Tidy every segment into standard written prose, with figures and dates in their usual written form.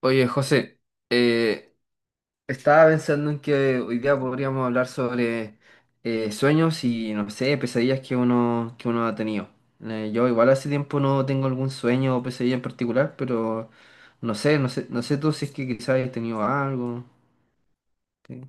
Oye, José, eh, estaba pensando en que hoy día podríamos hablar sobre sueños y, no sé, pesadillas que uno ha tenido. Yo igual hace tiempo no tengo algún sueño o pesadilla en particular, pero no sé tú si es que quizás hayas tenido algo. ¿Qué?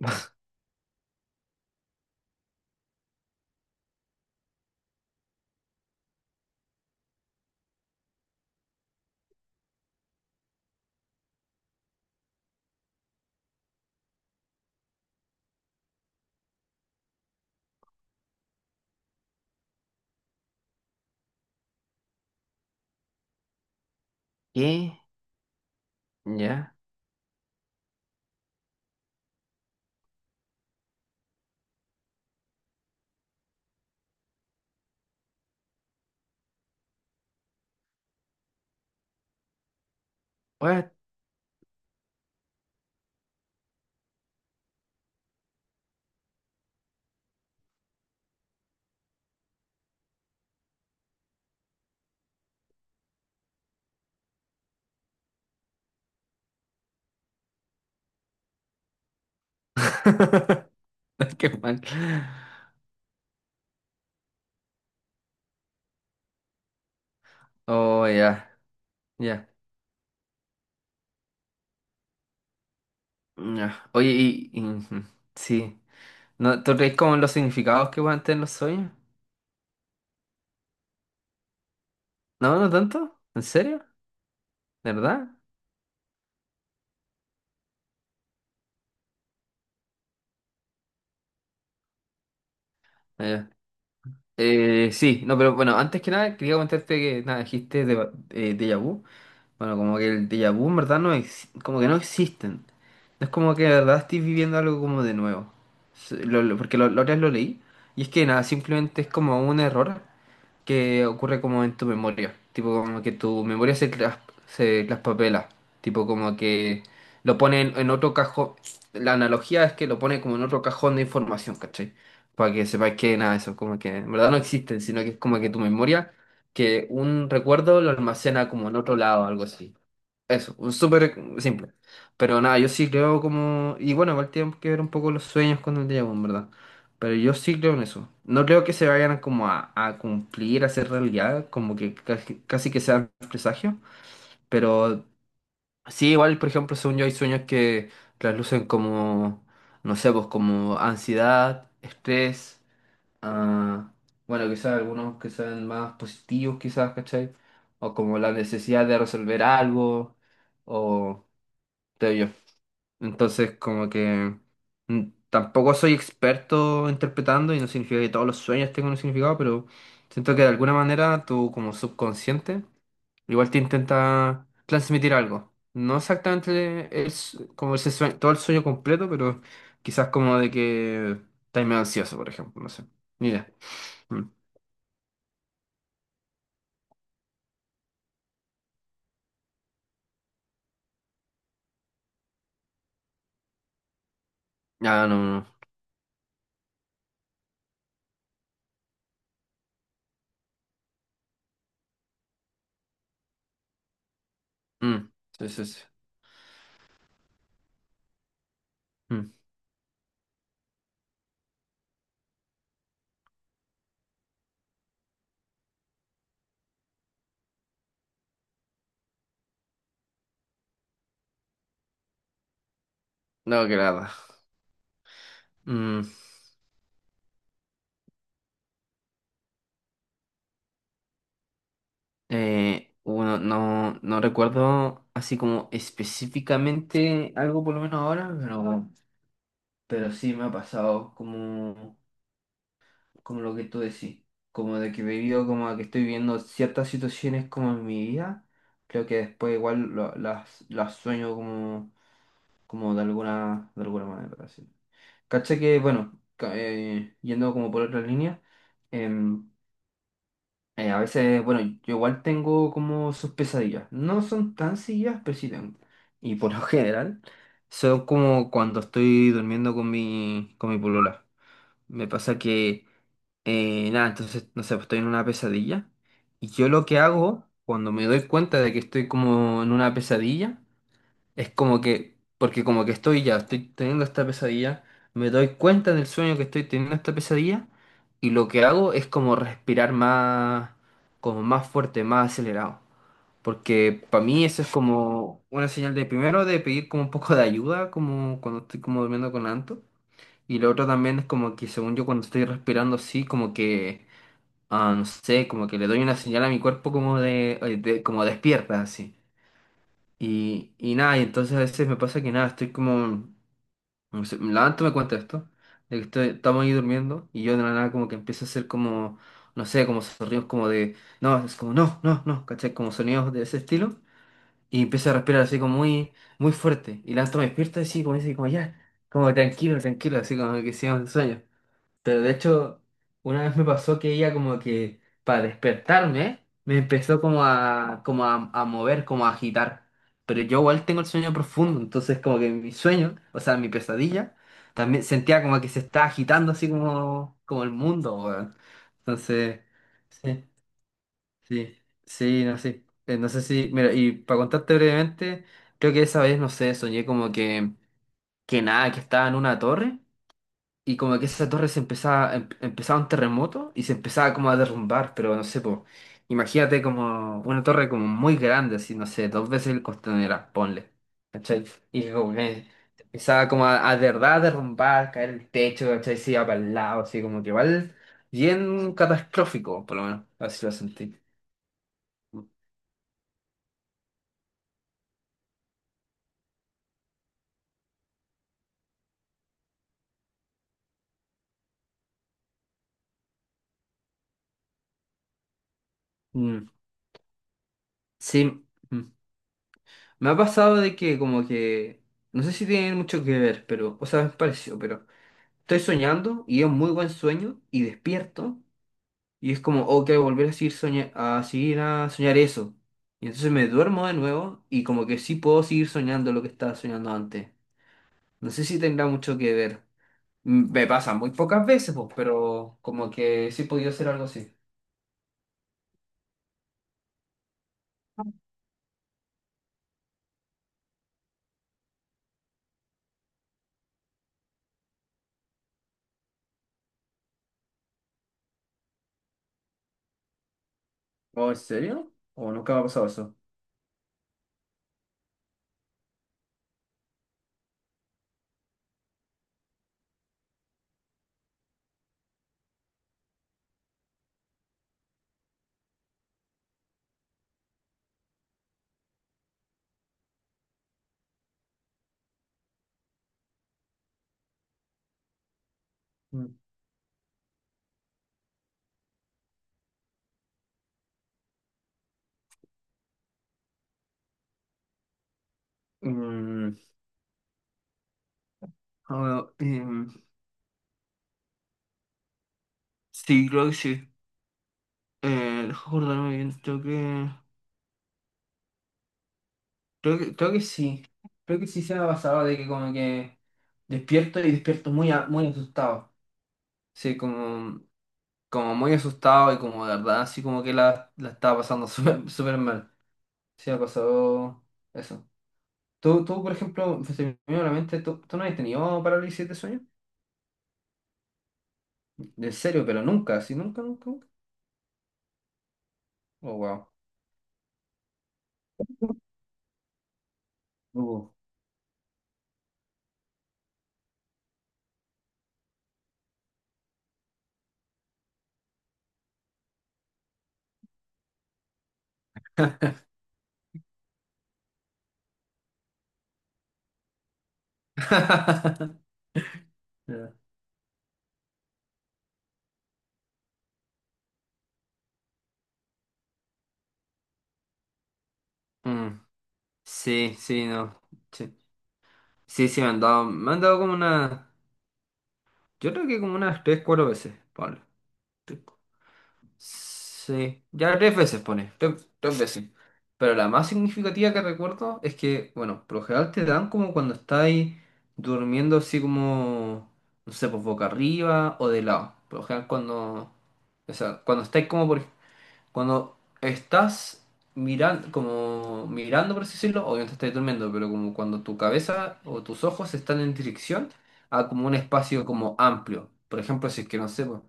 ¿Qué? ¿Ya? ¿What? Qué mal. Oh, ya, ya, ya. Oye, ujú, sí. ¿No, tú crees como en los significados que pueden tener los sueños? No, no tanto. ¿En serio? ¿De verdad? Ah, ya. Sí, no, pero bueno, antes que nada quería comentarte que nada, dijiste de, déjà vu. Bueno, como que el déjà vu en verdad como que no existen. No es como que de verdad estoy viviendo algo como de nuevo. La otra vez lo leí. Y es que nada, simplemente es como un error que ocurre como en tu memoria, tipo como que tu memoria se traspapela, tipo como que lo pone en, otro cajón, la analogía es que lo pone como en otro cajón de información, ¿cachai? Para que sepáis que nada, de eso, como que en verdad no existen, sino que es como que tu memoria, que un recuerdo lo almacena como en otro lado, algo así. Eso, un súper simple. Pero nada, yo sí creo como. Y bueno, igual tienen que ver un poco los sueños con el déjà vu, en verdad. Pero yo sí creo en eso. No creo que se vayan como a cumplir, a ser realidad, como que casi, casi que sean presagios. Pero sí, igual, por ejemplo, según yo hay sueños que traslucen como, no sé, pues como ansiedad, estrés, ah, bueno, quizás algunos que sean más positivos, quizás, ¿cachai? O como la necesidad de resolver algo. O te yo. Entonces, como que mm, tampoco soy experto interpretando y no significa que todos los sueños tengan un significado, pero siento que de alguna manera tú como subconsciente igual te intenta transmitir algo. No exactamente es como ese todo el sueño completo, pero quizás como de que estás medio ansioso, por ejemplo, no sé. Mira. Mm. Ah, no, no, no. Mm. Sí, sí, sí. Mm. No, que nada. Mm. Bueno, no, no recuerdo así como específicamente algo por lo menos ahora, pero sí me ha pasado como, como lo que tú decís, como de que he vivido, como que estoy viviendo ciertas situaciones como en mi vida, creo que después igual las sueño como, como de alguna manera, así. Caché que, bueno, yendo como por otra línea. A veces, bueno, yo igual tengo como sus pesadillas. No son tan seguidas, pero sí tengo. Y por lo general, son como cuando estoy durmiendo con mi polola. Me pasa que, nada, entonces, no sé, pues estoy en una pesadilla. Y yo lo que hago cuando me doy cuenta de que estoy como en una pesadilla es como que, porque como que estoy ya, estoy teniendo esta pesadilla, me doy cuenta en el sueño que estoy teniendo esta pesadilla y lo que hago es como respirar más, como más fuerte, más acelerado. Porque para mí eso es como una señal de primero de pedir como un poco de ayuda, como cuando estoy como durmiendo con Anto. Y lo otro también es como que según yo cuando estoy respirando así, como que, ah, no sé, como que le doy una señal a mi cuerpo como de como despierta así. Y nada, y entonces a veces me pasa que nada, estoy como, no sé, me levanto, me cuenta esto, de que estamos ahí durmiendo y yo de la nada como que empiezo a hacer como, no sé, como sonidos como de, no, es como, no, no, no, ¿cachai? Como sonidos de ese estilo y empiezo a respirar así como muy, muy fuerte y levanto, me despierto así como dice, como ya, como tranquilo, tranquilo, así como que sigo en sueño. Pero de hecho, una vez me pasó que ella como que para despertarme me empezó como a mover, como a agitar. Pero yo igual tengo el sueño profundo, entonces como que mi sueño, o sea, mi pesadilla, también sentía como que se está agitando así como, como el mundo, weón. Entonces, sí, sí, sí, no sé. No sé si, mira, y para contarte brevemente, creo que esa vez, no sé, soñé como que nada, que estaba en una torre y como que esa torre se empezaba un terremoto y se empezaba como a derrumbar, pero no sé, pues, imagínate como una torre como muy grande, así, no sé, dos veces el Costanera, ponle, ¿cachai? Y como que se empezaba como a de verdad a derrumbar, caer el techo, ¿cachai? Se iba para el lado, así como que igual bien catastrófico, por lo menos, así lo sentí. Mm, sí. Mm. me ha pasado de que como que, no sé si tiene mucho que ver, pero, o sea, me pareció, pero. Estoy soñando y es un muy buen sueño y despierto y es como, ok, volver a seguir, a seguir a soñar eso. Y entonces me duermo de nuevo y como que sí puedo seguir soñando lo que estaba soñando antes. No sé si tendrá mucho que ver. Me pasa muy pocas veces, pues, pero como que sí he podido hacer algo así. ¿O en serio? ¿O nunca me ha pasado eso? Mm. Mm, ah, bueno, sí, creo que sí. Deja acordarme bien, tengo que. Creo que sí. Creo que sí se me ha pasado de que como que despierto y despierto muy, muy asustado. Sí, como muy asustado y como de verdad, así como que la estaba pasando súper súper mal. Sí, me ha pasado eso. Tú, por ejemplo, se me vino a la mente, ¿tú no has tenido parálisis de sueño? En serio, pero nunca, así nunca, nunca, nunca. Oh, wow. Uh. Ya. Mm, sí, sí, no. Sí, sí, sí, me han dado como una. Yo creo que como unas tres, cuatro veces, Pablo. Tre- Sí, ya tres veces pone, tres veces. Pero la más significativa que recuerdo es que, bueno, por lo general te dan como cuando estáis durmiendo así como, no sé, pues boca arriba o de lado. Por lo general cuando, o sea, cuando estás mirando, como mirando, por así decirlo, obviamente estás durmiendo, pero como cuando tu cabeza o tus ojos están en dirección a como un espacio como amplio. Por ejemplo, si es que no sé, po,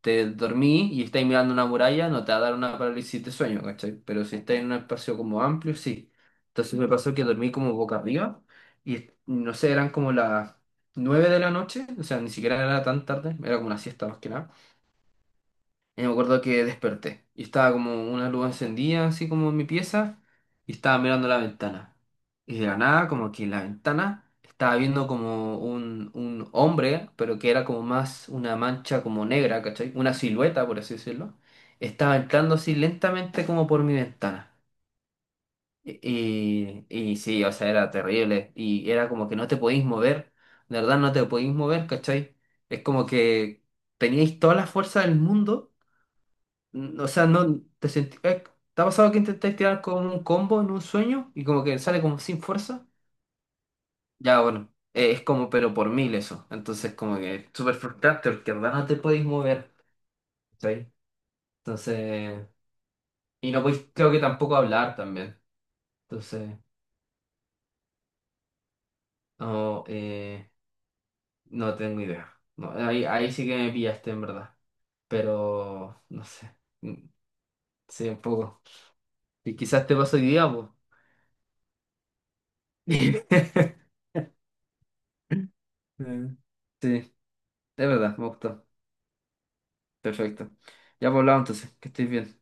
te dormí y estás mirando una muralla, no te va a dar una parálisis de sueño, ¿cachai? Pero si estás en un espacio como amplio, sí. Entonces me pasó que dormí como boca arriba y no sé, eran como las 9 de la noche, o sea, ni siquiera era tan tarde, era como una siesta más que nada. Y me acuerdo que desperté y estaba como una luz encendida, así como en mi pieza, y estaba mirando la ventana. Y de la nada, como que en la ventana estaba viendo como un, hombre, pero que era como más una mancha como negra, ¿cachai? Una silueta, por así decirlo. Estaba entrando así lentamente como por mi ventana. Y sí, o sea, era terrible. Y era como que no te podéis mover. De verdad, no te podéis mover, ¿cachai? Es como que teníais toda la fuerza del mundo o sea, no te sentí. ¿Te ha pasado que intentáis tirar con un combo en un sueño y como que sale como sin fuerza? Ya, bueno, es como pero por mil eso. Entonces, como que es súper frustrante porque en verdad no te podéis mover. ¿Cachai? Entonces, y no podéis, creo que tampoco hablar también. Entonces, no, no tengo idea. No, ahí sí que me pillaste en verdad. Pero, no sé. Mm, sí, un poco. Y quizás te pasó hoy día, pues. Sí. Es verdad, me gustó. Perfecto. Ya por lado entonces, que estés bien.